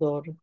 Doğru.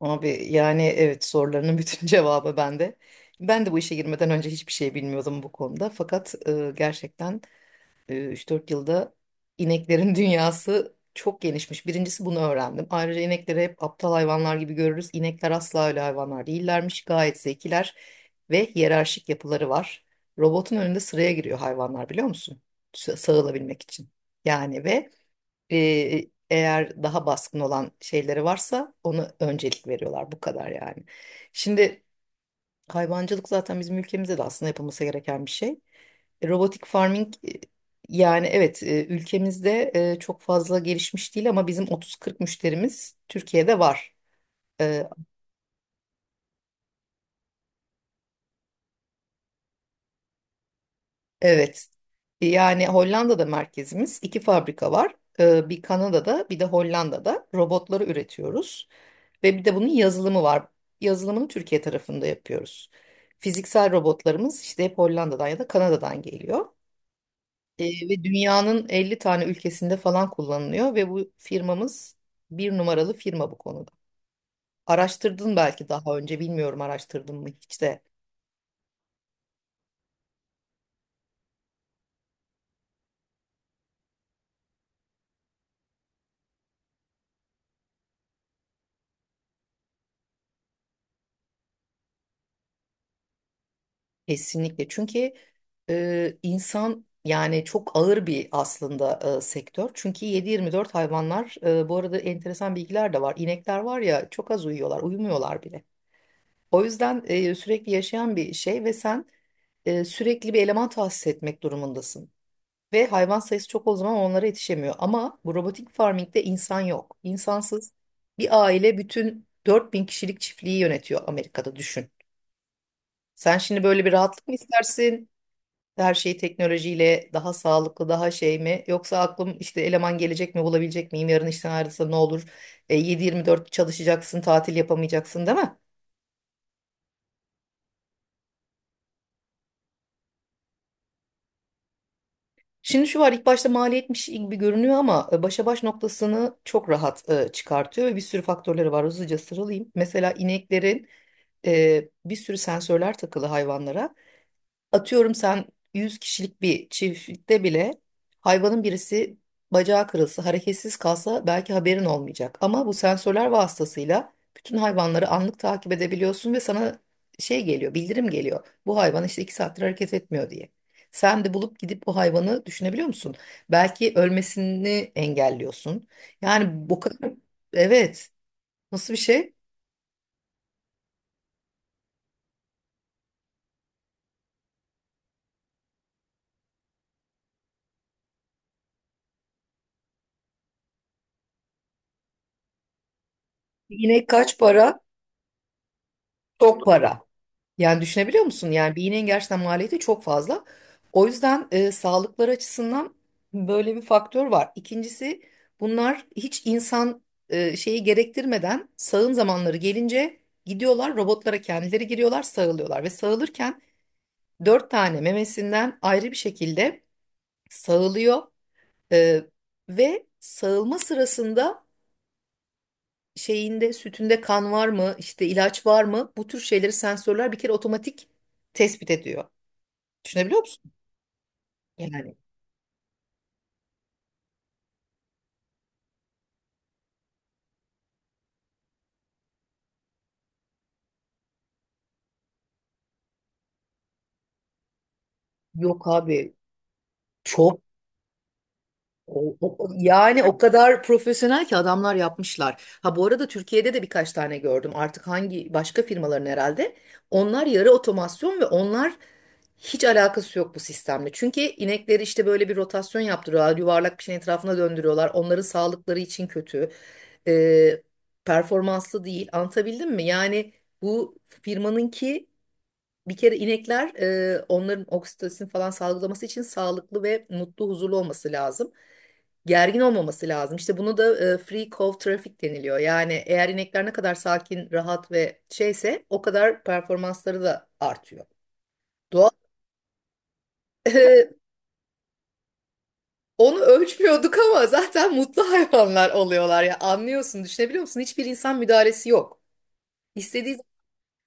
Abi yani evet sorularının bütün cevabı bende. Ben de bu işe girmeden önce hiçbir şey bilmiyordum bu konuda. Fakat gerçekten 3-4 yılda ineklerin dünyası çok genişmiş. Birincisi bunu öğrendim. Ayrıca inekleri hep aptal hayvanlar gibi görürüz. İnekler asla öyle hayvanlar değillermiş. Gayet zekiler ve hiyerarşik yapıları var. Robotun önünde sıraya giriyor hayvanlar biliyor musun? Sağılabilmek için. Yani ve eğer daha baskın olan şeyleri varsa ona öncelik veriyorlar. Bu kadar yani. Şimdi hayvancılık zaten bizim ülkemizde de aslında yapılması gereken bir şey. Robotik farming, yani evet, ülkemizde çok fazla gelişmiş değil ama bizim 30-40 müşterimiz Türkiye'de var. E, Evet. Yani Hollanda'da merkezimiz iki fabrika var. Bir Kanada'da bir de Hollanda'da robotları üretiyoruz. Ve bir de bunun yazılımı var. Yazılımını Türkiye tarafında yapıyoruz. Fiziksel robotlarımız işte hep Hollanda'dan ya da Kanada'dan geliyor. Ve dünyanın 50 tane ülkesinde falan kullanılıyor ve bu firmamız bir numaralı firma bu konuda. Araştırdın belki, daha önce bilmiyorum, araştırdın mı hiç de? Kesinlikle, çünkü insan yani çok ağır bir aslında sektör. Çünkü 7-24 hayvanlar, bu arada enteresan bilgiler de var. İnekler var ya, çok az uyuyorlar, uyumuyorlar bile. O yüzden sürekli yaşayan bir şey ve sen sürekli bir eleman tahsis etmek durumundasın. Ve hayvan sayısı çok, o zaman onlara yetişemiyor. Ama bu robotik farming'de insan yok. İnsansız bir aile bütün 4.000 kişilik çiftliği yönetiyor Amerika'da, düşün. Sen şimdi böyle bir rahatlık mı istersin? Her şey teknolojiyle daha sağlıklı, daha şey mi? Yoksa aklım işte eleman gelecek mi, bulabilecek miyim? Yarın işten ayrılsa ne olur? 7-24 çalışacaksın, tatil yapamayacaksın değil mi? Şimdi şu var, ilk başta maliyetmiş gibi görünüyor ama başa baş noktasını çok rahat çıkartıyor ve bir sürü faktörleri var. Hızlıca sıralayayım. Mesela ineklerin bir sürü sensörler takılı hayvanlara. Atıyorum, sen 100 kişilik bir çiftlikte bile hayvanın birisi bacağı kırılsa, hareketsiz kalsa belki haberin olmayacak. Ama bu sensörler vasıtasıyla bütün hayvanları anlık takip edebiliyorsun ve sana şey geliyor, bildirim geliyor. Bu hayvan işte 2 saattir hareket etmiyor diye. Sen de bulup gidip bu hayvanı düşünebiliyor musun? Belki ölmesini engelliyorsun. Yani bu kadar, evet, nasıl bir şey? Bir İnek kaç para? Çok para. Yani düşünebiliyor musun? Yani bir iğnenin gerçekten maliyeti çok fazla. O yüzden sağlıkları açısından böyle bir faktör var. İkincisi, bunlar hiç insan şeyi gerektirmeden sağım zamanları gelince gidiyorlar robotlara, kendileri giriyorlar, sağılıyorlar. Ve sağılırken dört tane memesinden ayrı bir şekilde sağılıyor. E, ve sağılma sırasında şeyinde, sütünde kan var mı, işte ilaç var mı, bu tür şeyleri sensörler bir kere otomatik tespit ediyor. Düşünebiliyor musun? Yani yok abi, çok yani o kadar profesyonel ki adamlar yapmışlar. Ha, bu arada Türkiye'de de birkaç tane gördüm. Artık hangi başka firmaların, herhalde. Onlar yarı otomasyon ve onlar, hiç alakası yok bu sistemle. Çünkü inekleri işte böyle bir rotasyon yaptırıyorlar. Yuvarlak bir şeyin etrafına döndürüyorlar. Onların sağlıkları için kötü. Ee, performanslı değil. Anlatabildim mi? Yani bu firmanınki, bir kere inekler, onların oksitosin falan salgılaması için sağlıklı ve mutlu, huzurlu olması lazım. Gergin olmaması lazım. İşte bunu da free cow traffic deniliyor. Yani eğer inekler ne kadar sakin, rahat ve şeyse o kadar performansları da artıyor. Doğal. e, onu ölçmüyorduk ama zaten mutlu hayvanlar oluyorlar ya. Anlıyorsun, düşünebiliyor musun? Hiçbir insan müdahalesi yok. İstediği.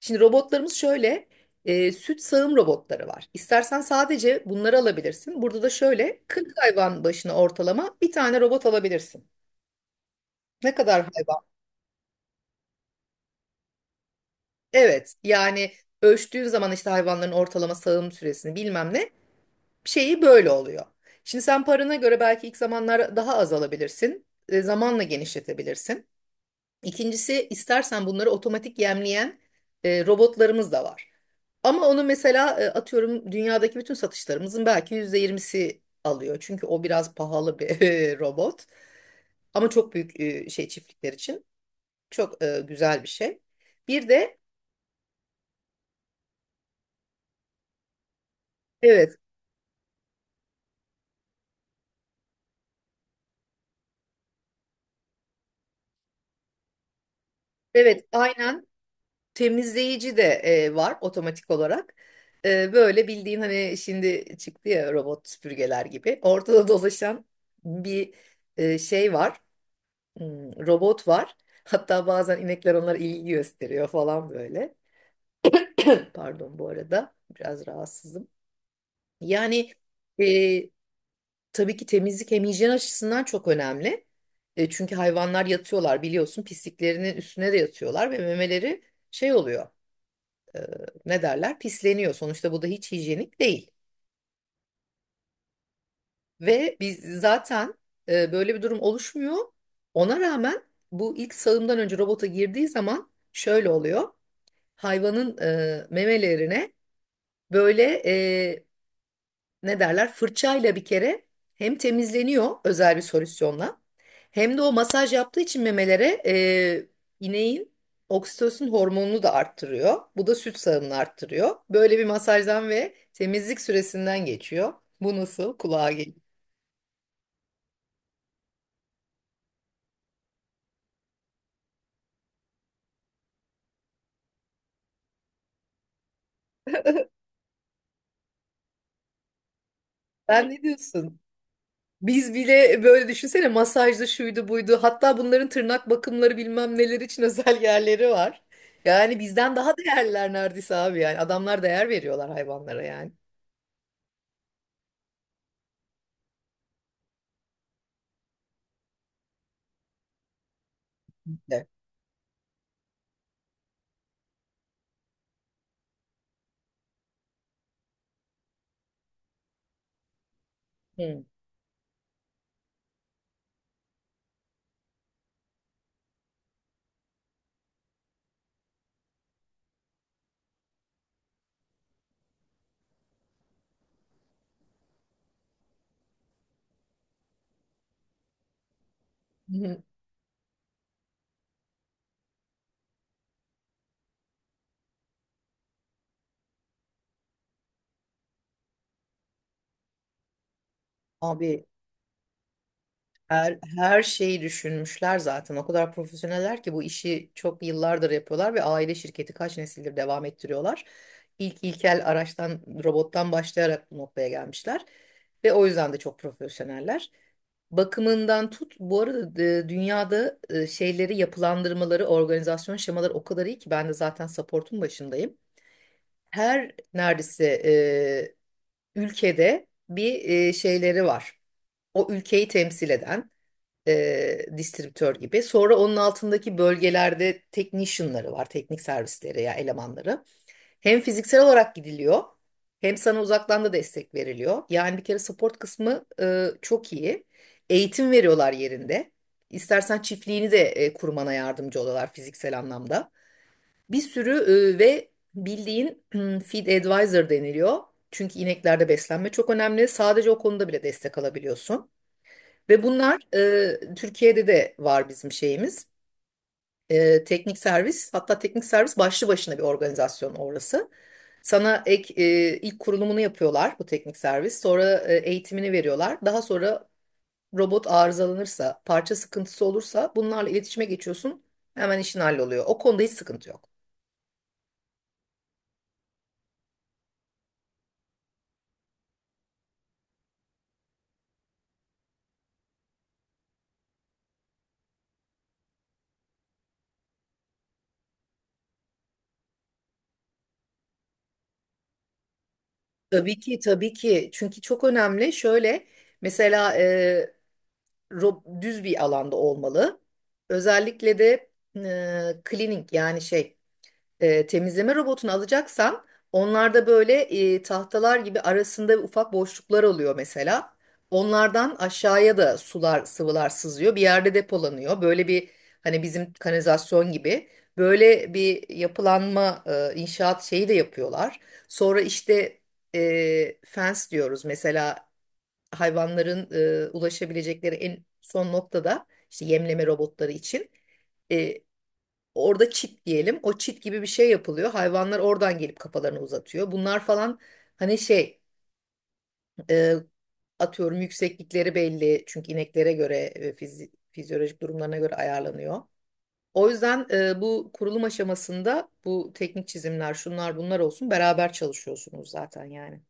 Şimdi robotlarımız şöyle, süt sağım robotları var. İstersen sadece bunları alabilirsin. Burada da şöyle 40 hayvan başına ortalama bir tane robot alabilirsin. Ne kadar hayvan? Evet, yani ölçtüğün zaman işte hayvanların ortalama sağım süresini bilmem ne, şeyi böyle oluyor. Şimdi sen parana göre belki ilk zamanlar daha az alabilirsin. Zamanla genişletebilirsin. İkincisi, istersen bunları otomatik yemleyen robotlarımız da var. Ama onu mesela, atıyorum, dünyadaki bütün satışlarımızın belki %20'si alıyor. Çünkü o biraz pahalı bir robot. Ama çok büyük şey çiftlikler için çok güzel bir şey. Bir de. Evet, evet, aynen, temizleyici de var otomatik olarak. Böyle bildiğin, hani şimdi çıktı ya robot süpürgeler gibi. Ortada dolaşan bir şey var. Robot var. Hatta bazen inekler onlara ilgi gösteriyor falan, böyle. Pardon, bu arada biraz rahatsızım. Yani e, tabii ki temizlik hem hijyen açısından çok önemli. Çünkü hayvanlar yatıyorlar, biliyorsun pisliklerinin üstüne de yatıyorlar ve memeleri şey oluyor. e, ne derler? Pisleniyor. Sonuçta bu da hiç hijyenik değil. Ve biz zaten, böyle bir durum oluşmuyor. Ona rağmen bu ilk sağımdan önce robota girdiği zaman şöyle oluyor. Hayvanın memelerine böyle, e, ne derler, fırçayla bir kere hem temizleniyor özel bir solüsyonla, hem de o masaj yaptığı için memelere ineğin oksitosin hormonunu da arttırıyor. Bu da süt sağımını arttırıyor. Böyle bir masajdan ve temizlik süresinden geçiyor. Bu nasıl kulağa geliyor? Sen ne diyorsun? Biz bile böyle düşünsene, masajlı, şuydu buydu. Hatta bunların tırnak bakımları, bilmem neler için, özel yerleri var. Yani bizden daha değerliler neredeyse abi yani. Adamlar değer veriyorlar hayvanlara yani. De. Hı. Hı. Abi her şeyi düşünmüşler zaten. O kadar profesyoneller ki bu işi çok yıllardır yapıyorlar ve aile şirketi kaç nesildir devam ettiriyorlar. İlk ilkel araçtan, robottan başlayarak bu noktaya gelmişler. Ve o yüzden de çok profesyoneller. Bakımından tut. Bu arada dünyada şeyleri, yapılandırmaları, organizasyon şemaları o kadar iyi ki ben de zaten support'un başındayım. Her neredeyse ülkede bir şeyleri var. O ülkeyi temsil eden distribütör gibi. Sonra onun altındaki bölgelerde technician'ları var, teknik servisleri ya elemanları. Hem fiziksel olarak gidiliyor, hem sana uzaktan da destek veriliyor. Yani bir kere support kısmı çok iyi. Eğitim veriyorlar yerinde. İstersen çiftliğini de kurmana yardımcı oluyorlar fiziksel anlamda. Bir sürü ve bildiğin, feed advisor deniliyor. Çünkü ineklerde beslenme çok önemli. Sadece o konuda bile destek alabiliyorsun. Ve bunlar Türkiye'de de var, bizim şeyimiz. Teknik servis, hatta teknik servis başlı başına bir organizasyon orası. Sana ek, ilk kurulumunu yapıyorlar bu teknik servis. Sonra eğitimini veriyorlar. Daha sonra robot arızalanırsa, parça sıkıntısı olursa bunlarla iletişime geçiyorsun. Hemen işin halloluyor. O konuda hiç sıkıntı yok. Tabii ki, tabii ki. Çünkü çok önemli. Şöyle, mesela düz bir alanda olmalı. Özellikle de cleaning, yani şey, temizleme robotunu alacaksan, onlarda böyle tahtalar gibi arasında ufak boşluklar oluyor mesela. Onlardan aşağıya da sular, sıvılar sızıyor. Bir yerde depolanıyor. Böyle bir, hani bizim kanalizasyon gibi, böyle bir yapılanma, inşaat şeyi de yapıyorlar. Sonra işte, fence diyoruz. Mesela hayvanların ulaşabilecekleri en son noktada işte yemleme robotları için. E, Orada çit diyelim. O çit gibi bir şey yapılıyor. Hayvanlar oradan gelip kafalarını uzatıyor. Bunlar falan, hani şey, e, atıyorum yükseklikleri belli. Çünkü ineklere göre fizyolojik durumlarına göre ayarlanıyor. O yüzden bu kurulum aşamasında bu teknik çizimler, şunlar bunlar olsun, beraber çalışıyorsunuz zaten yani.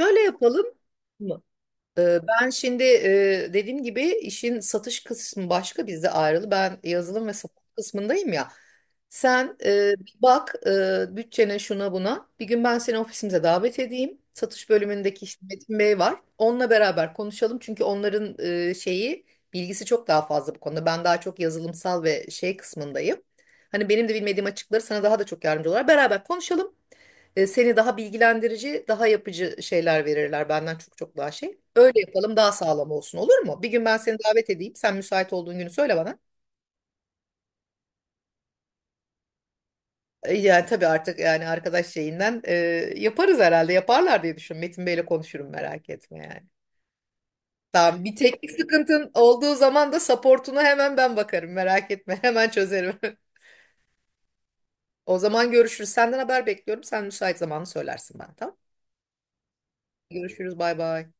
Şöyle yapalım. Ben şimdi dediğim gibi işin satış kısmı başka, bizde ayrılı. Ben yazılım ve satış kısmındayım ya. Sen bir bak bütçene, şuna buna. Bir gün ben seni ofisimize davet edeyim. Satış bölümündeki işte Metin Bey var. Onunla beraber konuşalım. Çünkü onların şeyi, bilgisi çok daha fazla bu konuda. Ben daha çok yazılımsal ve şey kısmındayım. Hani benim de bilmediğim açıkları, sana daha da çok yardımcı olarak beraber konuşalım. Seni daha bilgilendirici, daha yapıcı şeyler verirler benden çok çok daha şey. Öyle yapalım, daha sağlam olsun, olur mu? Bir gün ben seni davet edeyim. Sen müsait olduğun günü söyle bana. Yani tabii, artık yani arkadaş şeyinden yaparız herhalde. Yaparlar diye düşün. Metin Bey'le konuşurum, merak etme yani. Tamam, bir teknik sıkıntın olduğu zaman da supportuna hemen ben bakarım, merak etme. Hemen çözerim. O zaman görüşürüz. Senden haber bekliyorum. Sen müsait zamanı söylersin bana, tamam. Görüşürüz, bay bay.